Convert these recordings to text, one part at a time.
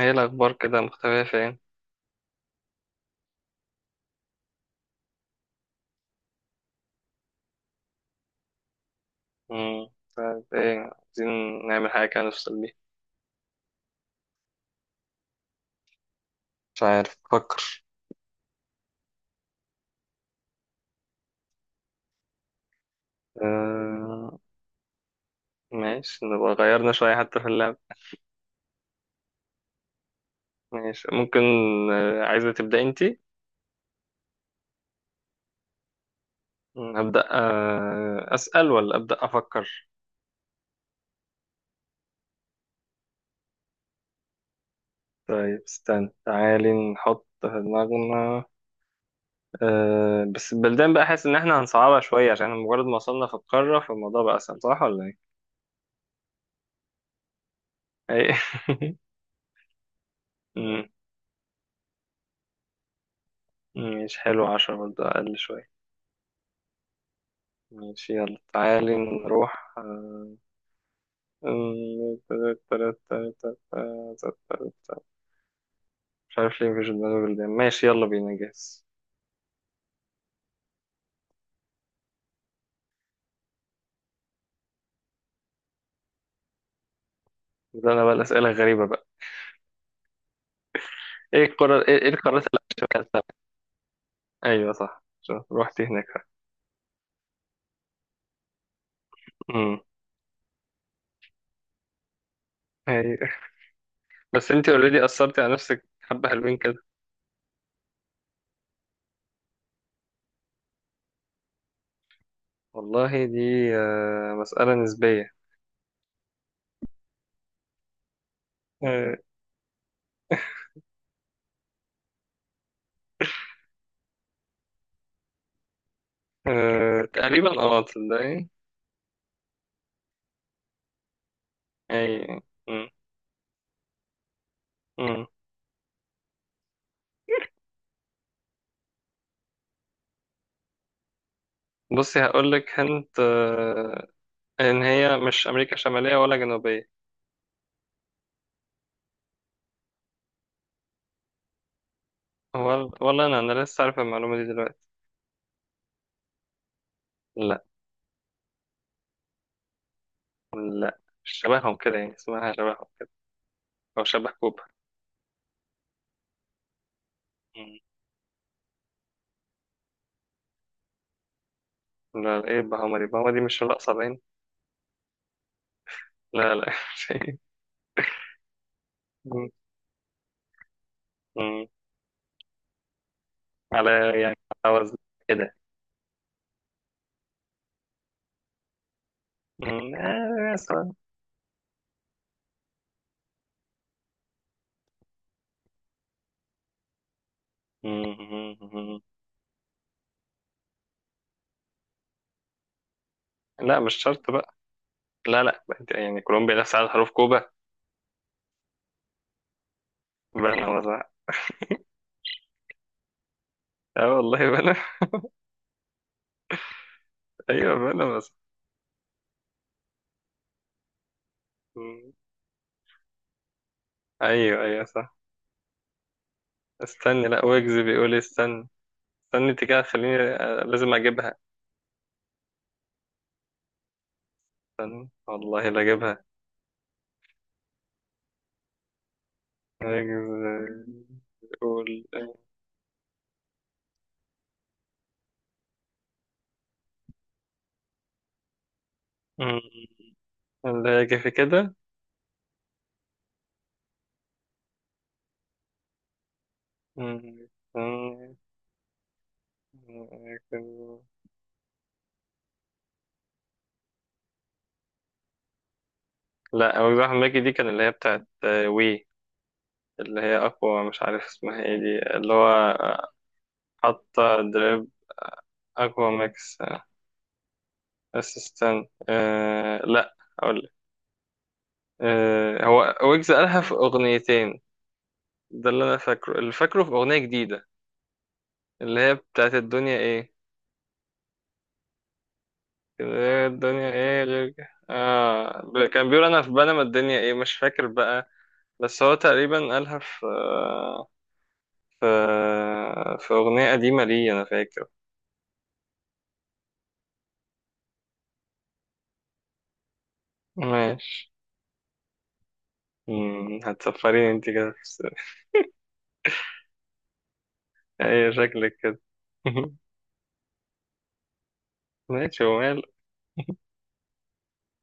ايه الأخبار كده مختفية فين؟ مم. طيب ايه عايزين نعمل حاجة كده نفصل بيها؟ مش عارف، بفكر. آه... ماشي، نبقى غيرنا شوية حتى في اللعب. ماشي ممكن. آه... عايزة تبدأ انتي؟ مم، أبدأ. أسأل ولا أبدأ أفكر؟ طيب استنى، تعالي نحط في دماغنا. بس البلدان بقى، حاسس إن احنا هنصعبها شوية، عشان مجرد ما وصلنا في القارة فالموضوع بقى أسهل، صح ولا ايه؟ ايه؟ مم، ماشي حلو، عشرة برضه أقل شوية. ماشي، يلا تعالي نروح. مش عارف ليه مفيش في دماغي بلدان. ماشي يلا بينا، جاهز. بدأنا بقى الأسئلة الغريبة بقى. ايه القارة، ايه، إيه القارات اللي شكلتها؟ ايوه صح، شوف، رحت هناك. امم، أيوة. بس انت اوريدي أثرتي على نفسك حبة حلوين كده. والله دي مسألة نسبية. آه، تقريبا، اه تصدقي. اي، أمم، أمم. بصي هقول لك، هنت ان هي مش امريكا شماليه ولا جنوبيه. ولا انا لسه عارف المعلومه دي دلوقتي. لا، لا مش شبههم كده، يعني اسمها شبههم كده، او شبه كوبا. مم. لا، لا، ايه بهاما دي، بهاما دي مش الاقصى باين. لا لا. مم. مم. على يعني على وزن كده. مم، آه، مثلا. مم. لا مش شرط بقى. لا لا، أنت يعني كولومبيا نفس عدد حروف كوبا؟ بنا مثلا. اه والله بنا. ايوه بنا مثلا. مم. ايوه ايوه صح. استنى، لا ويجز بيقول إيه؟ استنى. استني انت كده، خليني آه، لازم اجيبها. استني والله، لا اجيبها. أجيب-. قول. أمم، لا يجي في كده. أمم، أمم، لا مجزوعة حماكي دي، كان اللي هي بتاعت آه، وي-. اللي هي اقوى، مش عارف اسمها ايه دي اللي هو آه، حاطة دريب، اقوى ماكس اسيستنت. آه، لا اقول لك، آه، هو ويجز قالها في اغنيتين. ده اللي انا فاكره، اللي فاكره في اغنية جديدة. اللي هي بتاعت الدنيا ايه. اللي هي الدنيا ايه غير كده، اه ب- كان بيقول انا في بنما الدنيا ايه، مش فاكر بقى. بس هو تقريبا قالها في، في في اغنية قديمة ليه انا فاكر. ماشي. مم، هتسفريني انت كده في الس-. ايه شكلك كده؟ ماشي، ومال.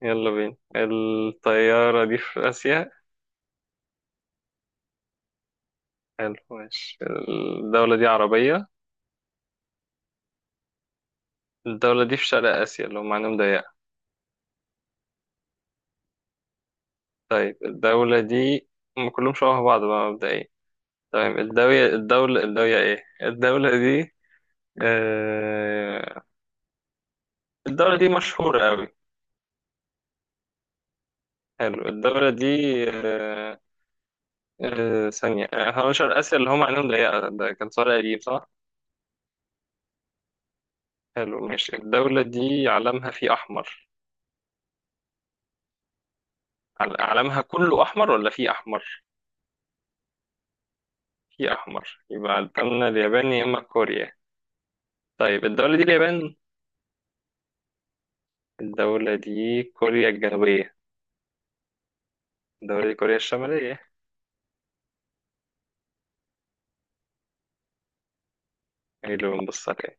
يلا بينا، الطيارة دي في آسيا. حلو، ماشي. الدولة دي عربية؟ الدولة دي في شرق آسيا اللي هم عندهم ضيق؟ طيب الدولة دي، هم كلهم شبه بعض بقى مبدئيا. طيب الدولة، ايه الدولة دي؟ آه. الدولة دي مشهورة أوي؟ حلو. الدولة دي، آه، آه ثانية، آه، هو شرق آسيا اللي هم عينهم ضيقة ده كان سؤال قديم صح؟ حلو ماشي. الدولة دي علمها فيه أحمر؟ عل- علمها كله أحمر ولا فيه أحمر؟ فيه أحمر، يبقى الدولة اليابان يا إما كوريا. طيب الدولة دي اليابان؟ الدولة دي كوريا الجنوبية؟ الدولة دي كوريا الشمالية؟ ايه اللي بنبص عليه؟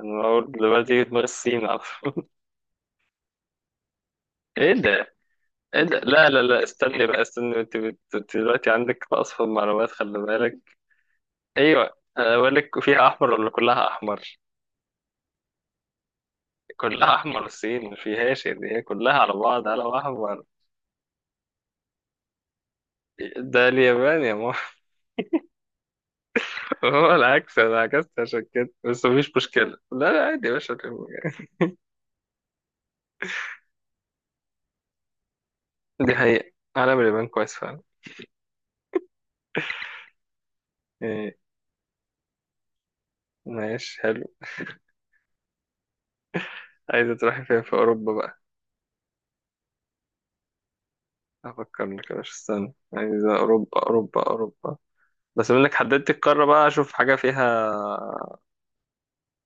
انا اول دلوقتي يجي في دماغي الصين على طول. ايه ده؟ ايه ده؟ لا لا لا، استني بقى، استني انت بت- أنت دلوقتي عندك اصفى معلومات، خلي بالك. ايوه، انا بقول لك فيها احمر ولا كلها احمر. كلها احمر، الصين ما فيهاش، يعني هي كلها على بعض على احمر. ده اليابان يا ماما. هو العكس، انا عكست عشان كده، بس مفيش مشكله، لا لا عادي يا باشا. دي حقيقة، علم اليابان كويس فعلا. ايه؟ ماشي حلو. عايزة تروحي فين في أوروبا بقى؟ افكر لك يا باشا، استنى عايز اوروبا، اوروبا، اوروبا. بس منك حددت القاره بقى، اشوف حاجه فيها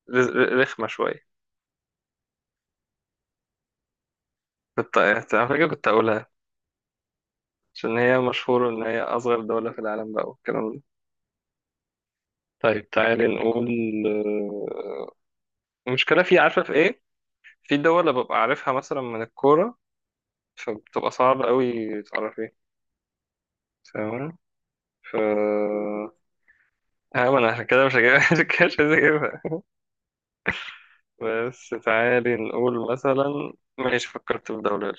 رز- ر- رخمه شويه. كنت على فكره كنت اقولها، عشان هي مشهوره ان هي اصغر دوله في العالم بقى والكلام ده. طيب تعالي نقول، آه، المشكله في، عارفه في ايه؟ في دول ببقى عارفها مثلا من الكوره، فبتبقى صعب قوي تعرفي، فاهمة؟ ف. ها ما انا عشان كده مش هجيبها، عشان كده مش عايز اجيبها. بس تعالي نقول مثلا. ماشي، فكرت في دولة.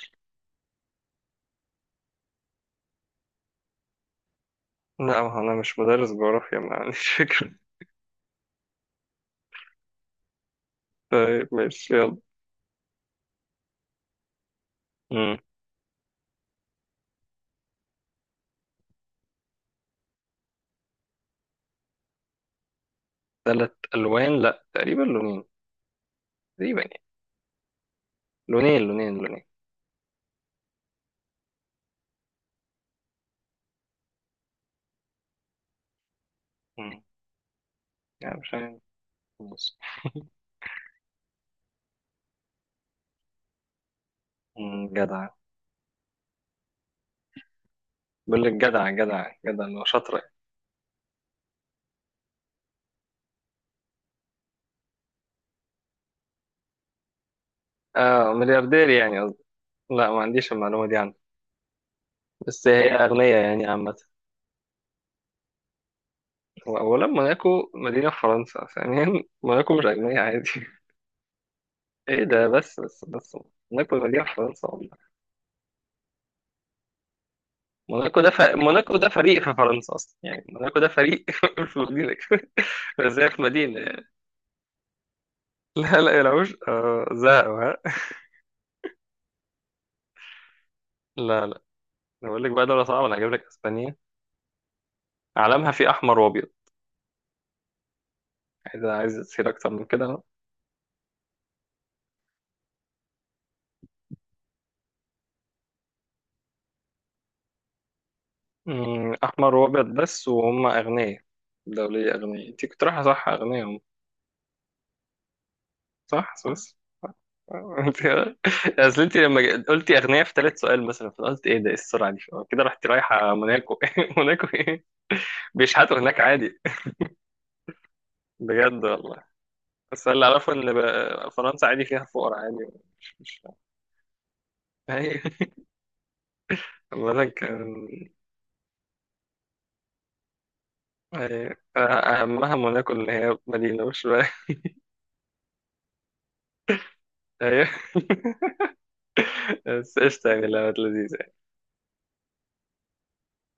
لا ما هو أنا مش مدرس جغرافيا، ما عنديش فكرة. طيب ماشي يلا. مم. تلات ألوان، لا تقريبا لونين، تقريبا يعني. لونين، لونين، لونين. مم. يعني مش عارف. بص. مم، جدع. بقول لك جدع، جدع، جدع، اللي هو شاطرة. اه ملياردير يعني قصدي. لا ما عنديش المعلومة دي عنه. بس هي أغنية يعني عامة. وأولا موناكو مدينة في فرنسا، ثانيا موناكو مش أغنية عادي. إيه ده، بس، بس، بس، موناكو مدينة في فرنسا. موناكو ده ف-، موناكو ده فريق في فرنسا اصلا، يعني موناكو ده فريق في مدينه. كده زي في مدينه يعني. لا لا يلعبوش، آه زهقوا، ها. لا لا، أنا بقول لك بقى دوله صعبه، انا هجيب لك اسبانيا؟ علمها فيه احمر وابيض. عايز تصير اكتر من كده. أمم، احمر وابيض بس وهم اغنياء. دوليه اغنياء، انت كنت رايحه صح، اغنياء هم. صح، سويس. انت! اصل انت لما ج- قلتي اغنياء في ثالث سؤال مثلا، فأنا قلت ايه ده، ايه السرعه دي؟ كده رحت رايحه موناكو، موناكو ايه، بيشحتوا هناك عادي. بجد والله. بس اللي اعرفه ان ب- فرنسا عادي فيها فقراء عادي، مش. هي-. بقول لك كان. هي- اهمها موناكو اللي هي مدينه، مش بقى. هي. بس قشطه يعني، لا لذيذه.